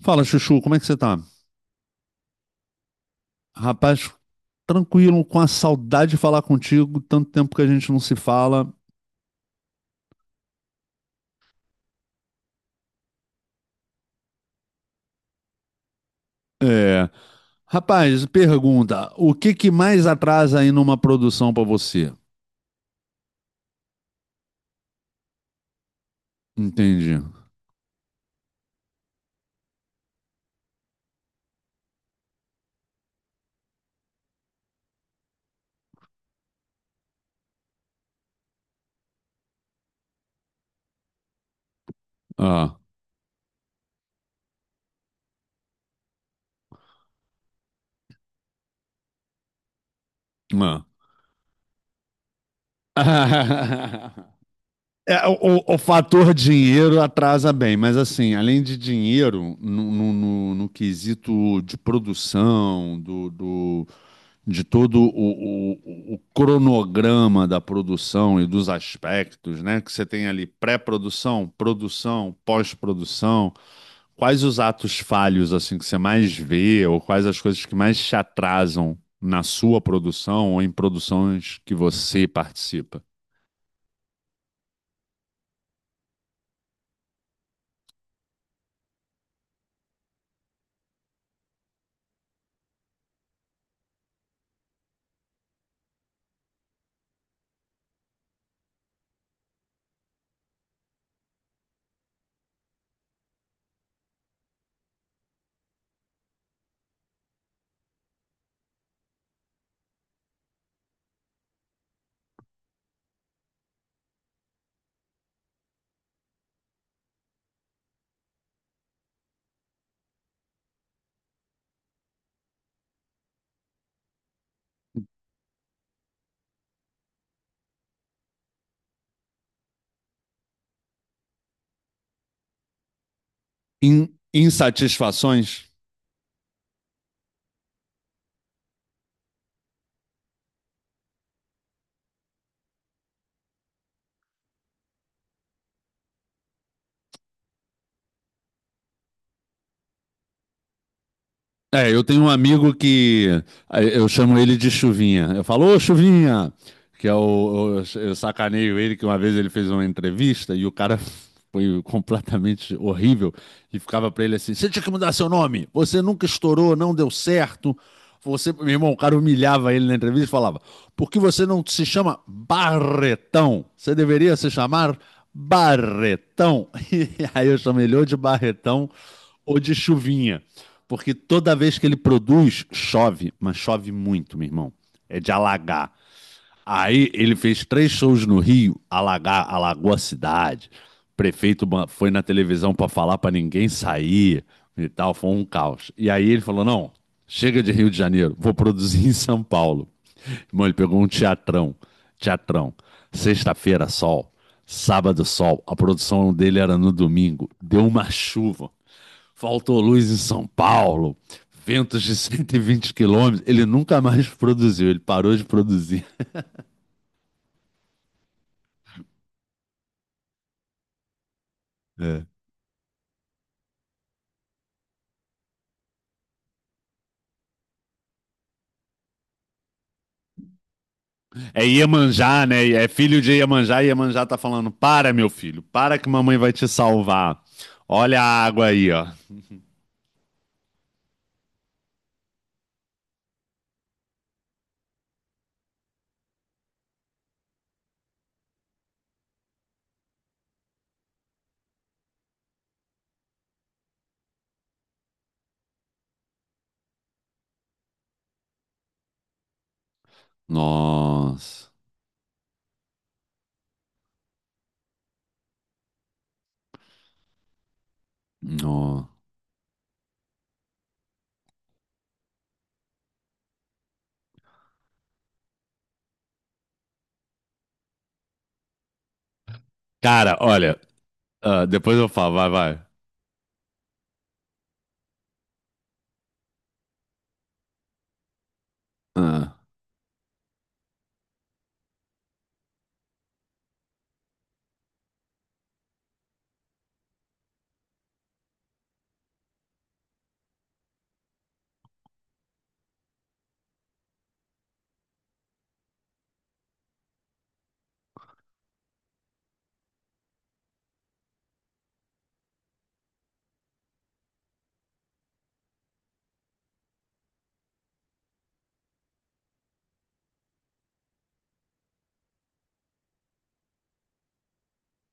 Fala, Chuchu, como é que você tá? Rapaz, tranquilo, com a saudade de falar contigo, tanto tempo que a gente não se fala. É. Rapaz, pergunta, o que que mais atrasa aí numa produção pra você? Entendi. Ah, ah. É, o fator dinheiro atrasa bem, mas assim, além de dinheiro, no quesito de produção, de todo o cronograma da produção e dos aspectos, né? Que você tem ali pré-produção, produção, pós-produção. Quais os atos falhos assim que você mais vê, ou quais as coisas que mais te atrasam na sua produção ou em produções que você participa? Insatisfações? É, eu tenho um amigo que eu chamo ele de Chuvinha. Eu falo, ô Chuvinha, que é eu sacaneio ele que uma vez ele fez uma entrevista e o cara foi completamente horrível e ficava pra ele assim: "Você tinha que mudar seu nome. Você nunca estourou, não deu certo. Você, meu irmão, o cara humilhava ele na entrevista e falava: "Por que você não se chama Barretão? Você deveria se chamar Barretão". E aí eu chamei ele ou de Barretão ou de Chuvinha. Porque toda vez que ele produz, chove, mas chove muito, meu irmão. É de alagar. Aí ele fez três shows no Rio, alagar, alagou a cidade. O prefeito foi na televisão para falar para ninguém sair e tal, foi um caos. E aí ele falou: não, chega de Rio de Janeiro, vou produzir em São Paulo. Irmão, ele pegou um teatrão, teatrão. Sexta-feira, sol. Sábado, sol. A produção dele era no domingo. Deu uma chuva. Faltou luz em São Paulo. Ventos de 120 km. Ele nunca mais produziu. Ele parou de produzir. É é Iemanjá, né? É filho de Iemanjá, e Iemanjá tá falando: para, meu filho, para que mamãe vai te salvar. Olha a água aí, ó. Nossa. Nó. Cara, olha, ah, depois eu falo, vai, vai. Ah.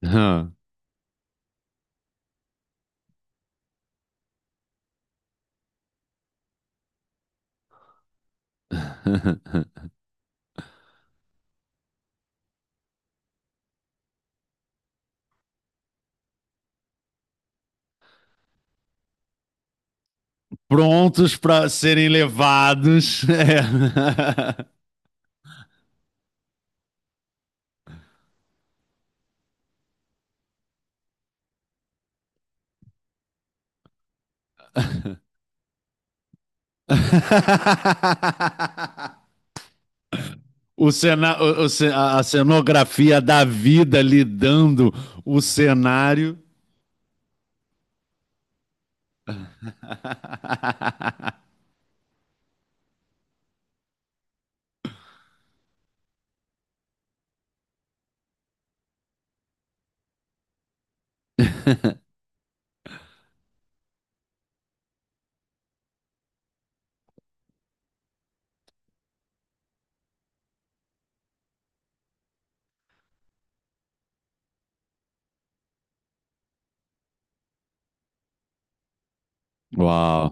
Ah. Prontos pra serem levados. É. O cena, o ce- a cenografia da vida lidando o cenário. Uau.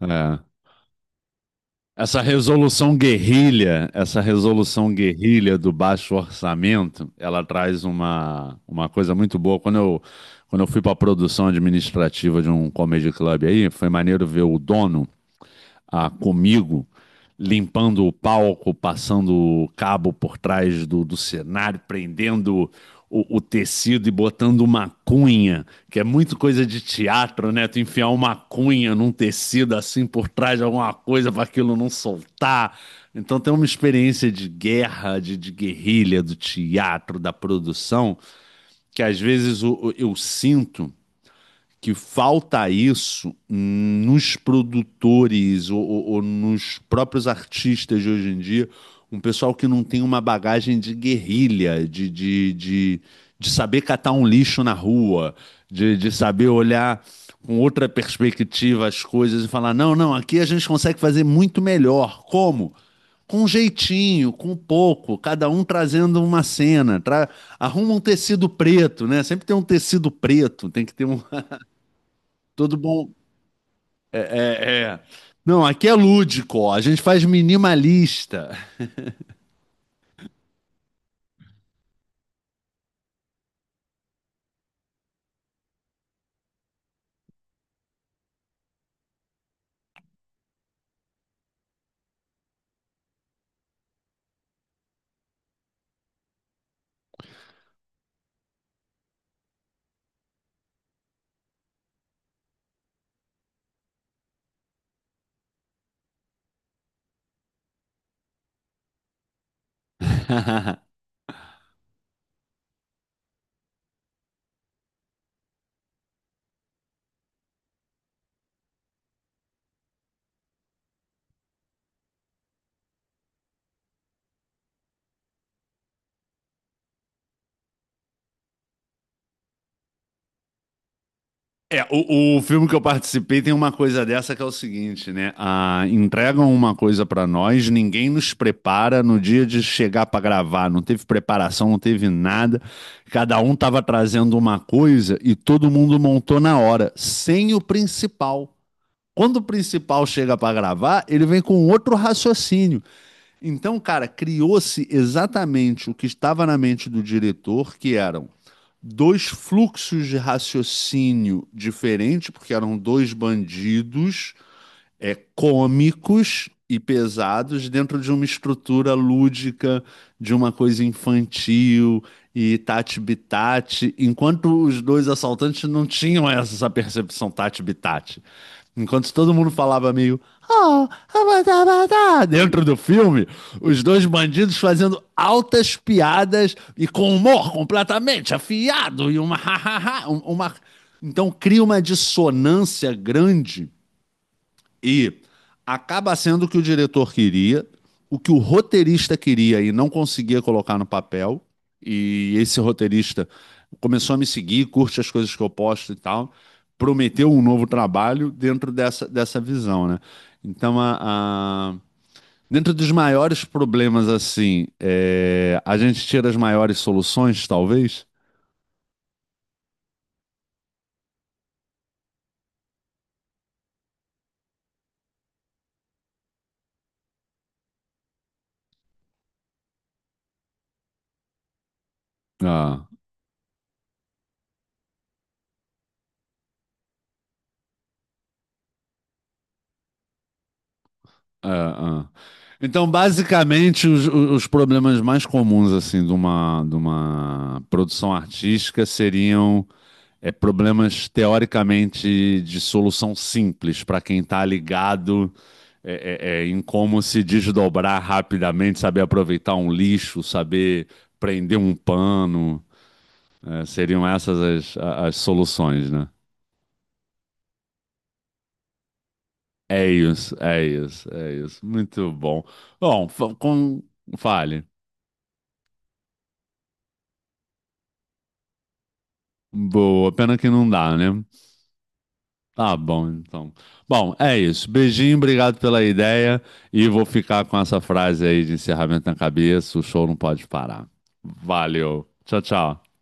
É. Essa resolução guerrilha do baixo orçamento, ela traz uma coisa muito boa. Quando eu fui para a produção administrativa de um comedy club aí, foi maneiro ver o dono ah, comigo, limpando o palco, passando o cabo por trás do cenário, prendendo o tecido e botando uma cunha, que é muito coisa de teatro, né? Tu enfiar uma cunha num tecido assim por trás de alguma coisa para aquilo não soltar. Então tem uma experiência de guerra, de guerrilha, do teatro, da produção, que às vezes eu sinto que falta isso nos produtores ou, ou nos próprios artistas de hoje em dia, um pessoal que não tem uma bagagem de guerrilha, de saber catar um lixo na rua, de saber olhar com outra perspectiva as coisas e falar: não, não, aqui a gente consegue fazer muito melhor. Como? Com jeitinho, com pouco, cada um trazendo uma cena. Arruma um tecido preto, né? Sempre tem um tecido preto, tem que ter um, todo bom. É, é, é. Não, aqui é lúdico, ó, a gente faz minimalista. É, o filme que eu participei tem uma coisa dessa que é o seguinte, né? Ah, entregam uma coisa pra nós, ninguém nos prepara no dia de chegar pra gravar, não teve preparação, não teve nada. Cada um tava trazendo uma coisa e todo mundo montou na hora, sem o principal. Quando o principal chega pra gravar, ele vem com outro raciocínio. Então, cara, criou-se exatamente o que estava na mente do diretor, que eram dois fluxos de raciocínio diferentes, porque eram dois bandidos cômicos e pesados dentro de uma estrutura lúdica, de uma coisa infantil e tati-bitati, enquanto os dois assaltantes não tinham essa percepção tati-bitati. Enquanto todo mundo falava meio "Oh, abadá, abadá", dentro do filme, os dois bandidos fazendo altas piadas e com humor completamente afiado e uma ha, ha, ha, uma então cria uma dissonância grande e acaba sendo o que o diretor queria, o que o roteirista queria e não conseguia colocar no papel. E esse roteirista começou a me seguir, curte as coisas que eu posto e tal. Prometeu um novo trabalho dentro dessa visão, né? Então, dentro dos maiores problemas, assim, a gente tira as maiores soluções, talvez. Ah. É, é. Então, basicamente, os problemas mais comuns assim de uma produção artística seriam problemas teoricamente de solução simples para quem está ligado em como se desdobrar rapidamente, saber aproveitar um lixo, saber prender um pano. É, seriam essas as soluções, né? É isso, é isso, é isso. Muito bom. Bom, fale. Boa, pena que não dá, né? Tá bom, então. Bom, é isso. Beijinho, obrigado pela ideia. E vou ficar com essa frase aí de encerramento na cabeça: o show não pode parar. Valeu. Tchau, tchau.